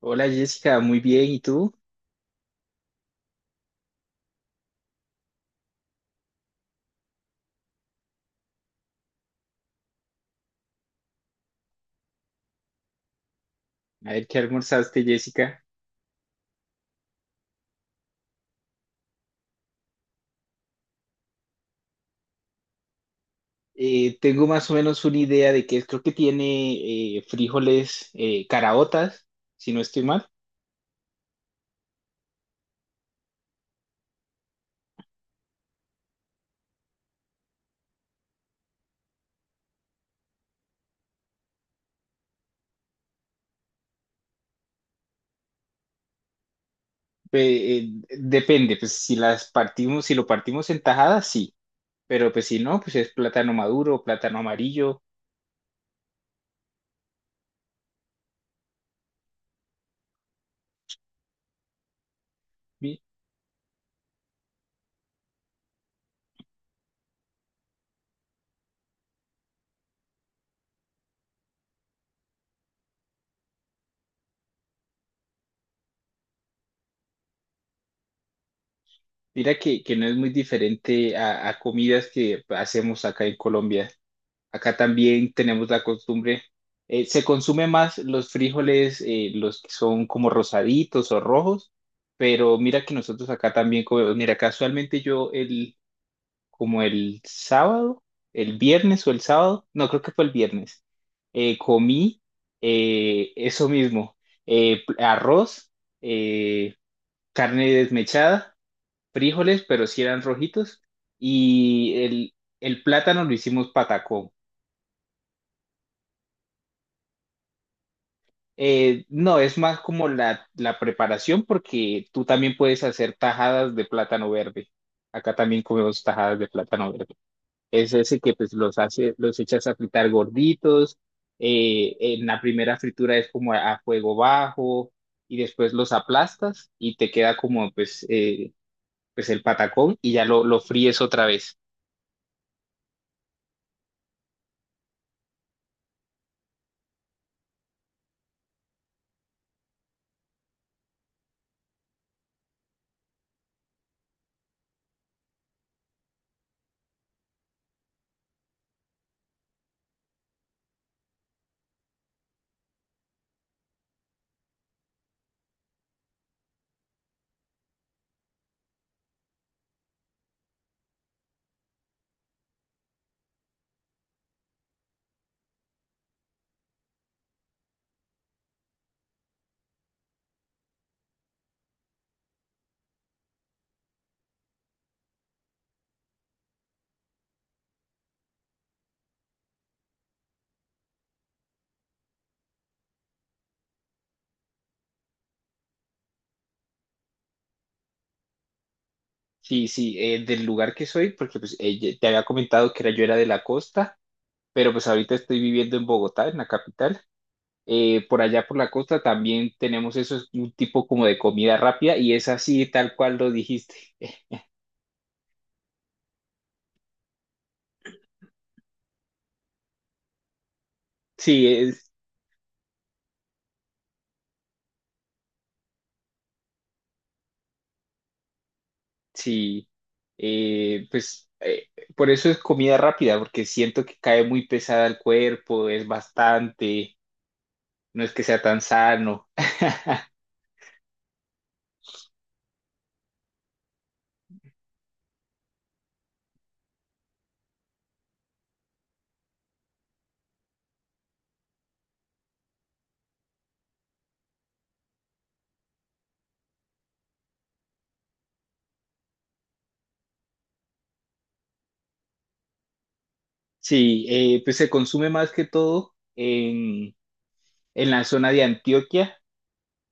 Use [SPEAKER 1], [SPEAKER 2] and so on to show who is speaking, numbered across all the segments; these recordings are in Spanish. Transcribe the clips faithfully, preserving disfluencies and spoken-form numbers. [SPEAKER 1] Hola Jessica, muy bien. ¿Y tú? A ver, ¿qué almorzaste, Jessica? Eh, tengo más o menos una idea de que es. Creo que tiene eh, frijoles, eh, caraotas, si no estoy mal. Pe- eh, Depende, pues si las partimos, si lo partimos en tajadas, sí. Pero pues si no, pues es plátano maduro, plátano amarillo. Mi- Mira que, que no es muy diferente a, a comidas que hacemos acá en Colombia. Acá también tenemos la costumbre, eh, se consume más los frijoles, eh, los que son como rosaditos o rojos, pero mira que nosotros acá también comemos, mira, casualmente yo el, como el sábado, el viernes o el sábado, no creo que fue el viernes, eh, comí eh, eso mismo, eh, pl- arroz, eh, carne desmechada, frijoles, pero si eran rojitos, y el, el plátano lo hicimos patacón. Eh, no, es más como la, la preparación porque tú también puedes hacer tajadas de plátano verde. Acá también comemos tajadas de plátano verde. Es ese que pues los hace, los echas a fritar gorditos. Eh, en la primera fritura es como a, a fuego bajo y después los aplastas y te queda como pues, eh, pues el patacón y ya lo, lo fríes otra vez. Sí, sí, eh, del lugar que soy, porque pues eh, ya- te había comentado que era, yo era de la costa pero pues ahorita estoy viviendo en Bogotá, en la capital, eh, por allá por la costa también tenemos eso, es un tipo como de comida rápida y es así tal cual lo dijiste. Sí, es, sí, eh, pues eh, por eso es comida rápida, porque siento que cae muy pesada al cuerpo, es bastante, no es que sea tan sano. Sí, eh, pues se consume más que todo en, en la zona de Antioquia,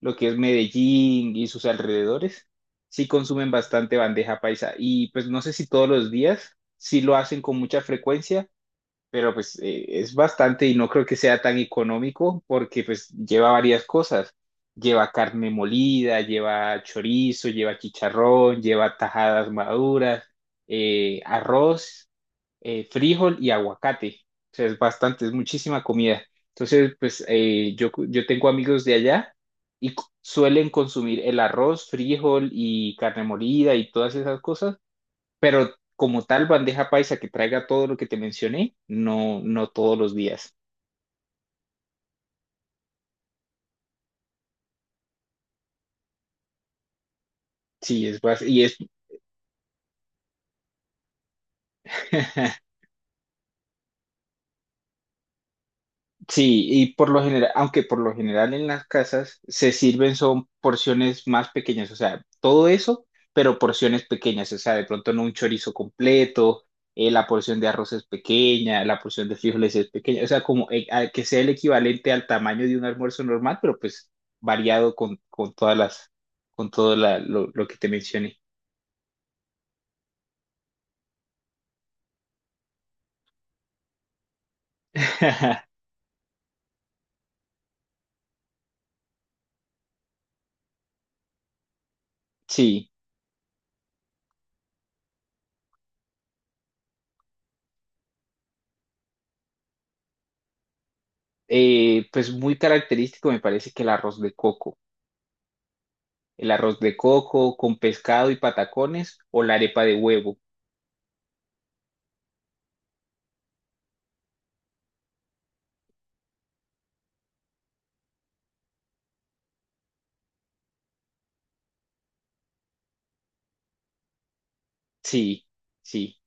[SPEAKER 1] lo que es Medellín y sus alrededores, sí consumen bastante bandeja paisa y pues no sé si todos los días, sí lo hacen con mucha frecuencia, pero pues eh, es bastante y no creo que sea tan económico porque pues lleva varias cosas. Lleva carne molida, lleva chorizo, lleva chicharrón, lleva tajadas maduras, eh, arroz, eh, frijol y aguacate. O sea, es bastante, es muchísima comida. Entonces, pues eh, yo, yo tengo amigos de allá y cu- suelen consumir el arroz, frijol y carne molida y todas esas cosas, pero como tal bandeja paisa que traiga todo lo que te mencioné, no, no todos los días. Sí, es bas- y es sí, y por lo general, aunque por lo general en las casas se sirven son porciones más pequeñas, o sea, todo eso, pero porciones pequeñas, o sea, de pronto no un chorizo completo, eh, la porción de arroz es pequeña, la porción de frijoles es pequeña, o sea, como eh, a- que sea el equivalente al tamaño de un almuerzo normal, pero pues variado con, con todas las, con todo la- lo, lo que te mencioné. Sí, eh, pues muy característico me parece que el arroz de coco. El arroz de coco con pescado y patacones o la arepa de huevo. Sí, sí.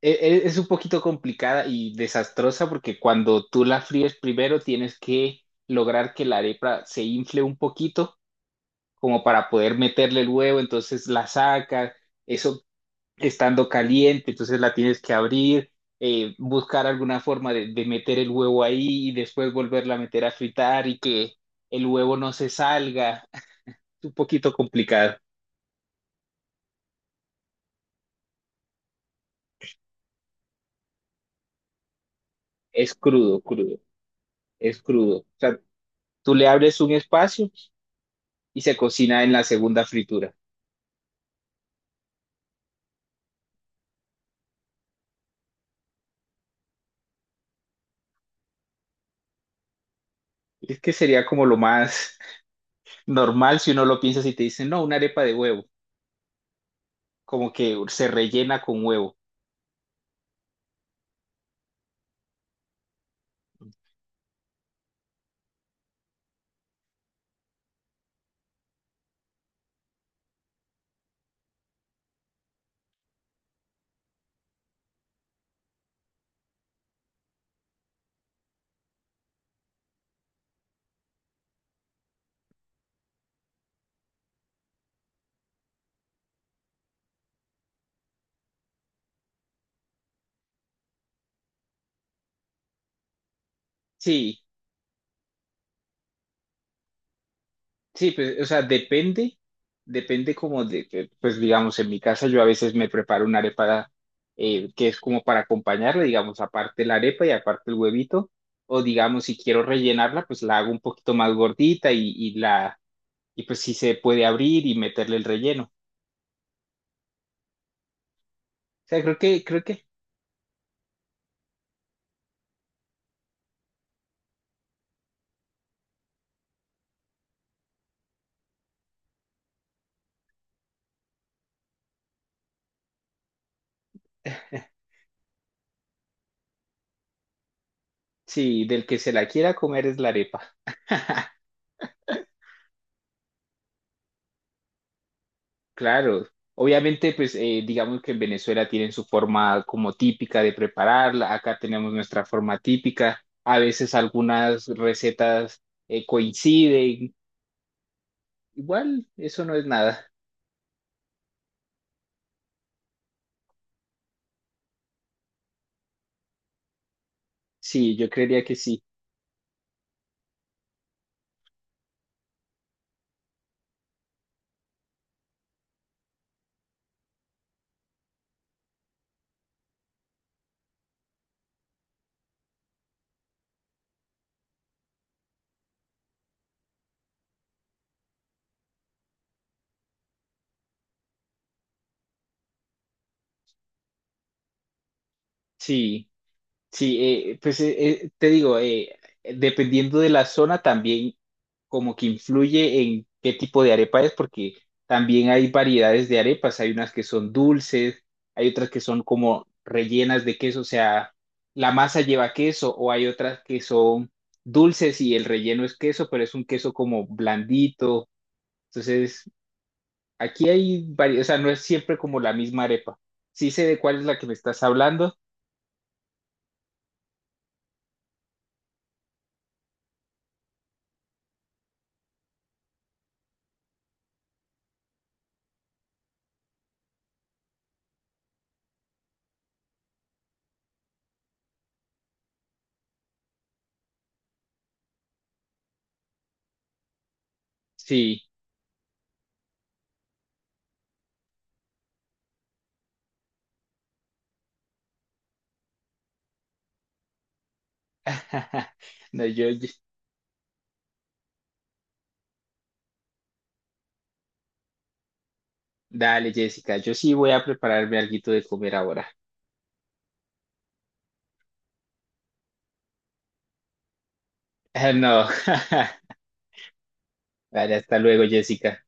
[SPEAKER 1] E- e- Es un poquito complicada y desastrosa porque cuando tú la fríes primero tienes que lograr que la arepa se infle un poquito como para poder meterle el huevo, entonces la sacas, eso estando caliente, entonces la tienes que abrir, eh, buscar alguna forma de, de meter el huevo ahí y después volverla a meter a fritar y que el huevo no se salga. Es un poquito complicado. Es crudo, crudo, es crudo. O sea, tú le abres un espacio y se cocina en la segunda fritura. Es que sería como lo más normal si uno lo piensa si te dicen, no, una arepa de huevo, como que se rellena con huevo. Sí, sí, pues, o sea, depende, depende como de, de- pues digamos, en mi casa yo a veces me preparo una arepa, eh, que es como para acompañarla, digamos, aparte la arepa y aparte el huevito, o digamos, si quiero rellenarla, pues la hago un poquito más gordita y, y la y pues sí se puede abrir y meterle el relleno. O sea, creo que, creo que sí, del que se la quiera comer es la arepa. Claro, obviamente pues eh, digamos que en Venezuela tienen su forma como típica de prepararla, acá tenemos nuestra forma típica, a veces algunas recetas eh, coinciden, igual eso no es nada. Sí, yo creería que sí, sí. Sí, eh, pues eh, eh, te digo, eh, dependiendo de la zona también como que influye en qué tipo de arepa es, porque también hay variedades de arepas, hay unas que son dulces, hay otras que son como rellenas de queso, o sea, la masa lleva queso, o hay otras que son dulces y el relleno es queso, pero es un queso como blandito, entonces aquí hay varias, o sea, no es siempre como la misma arepa. Sí sé de cuál es la que me estás hablando, sí. No, yo, yo- dale, Jessica, yo sí voy a prepararme alguito de comer ahora. No, vale, hasta luego, Jessica.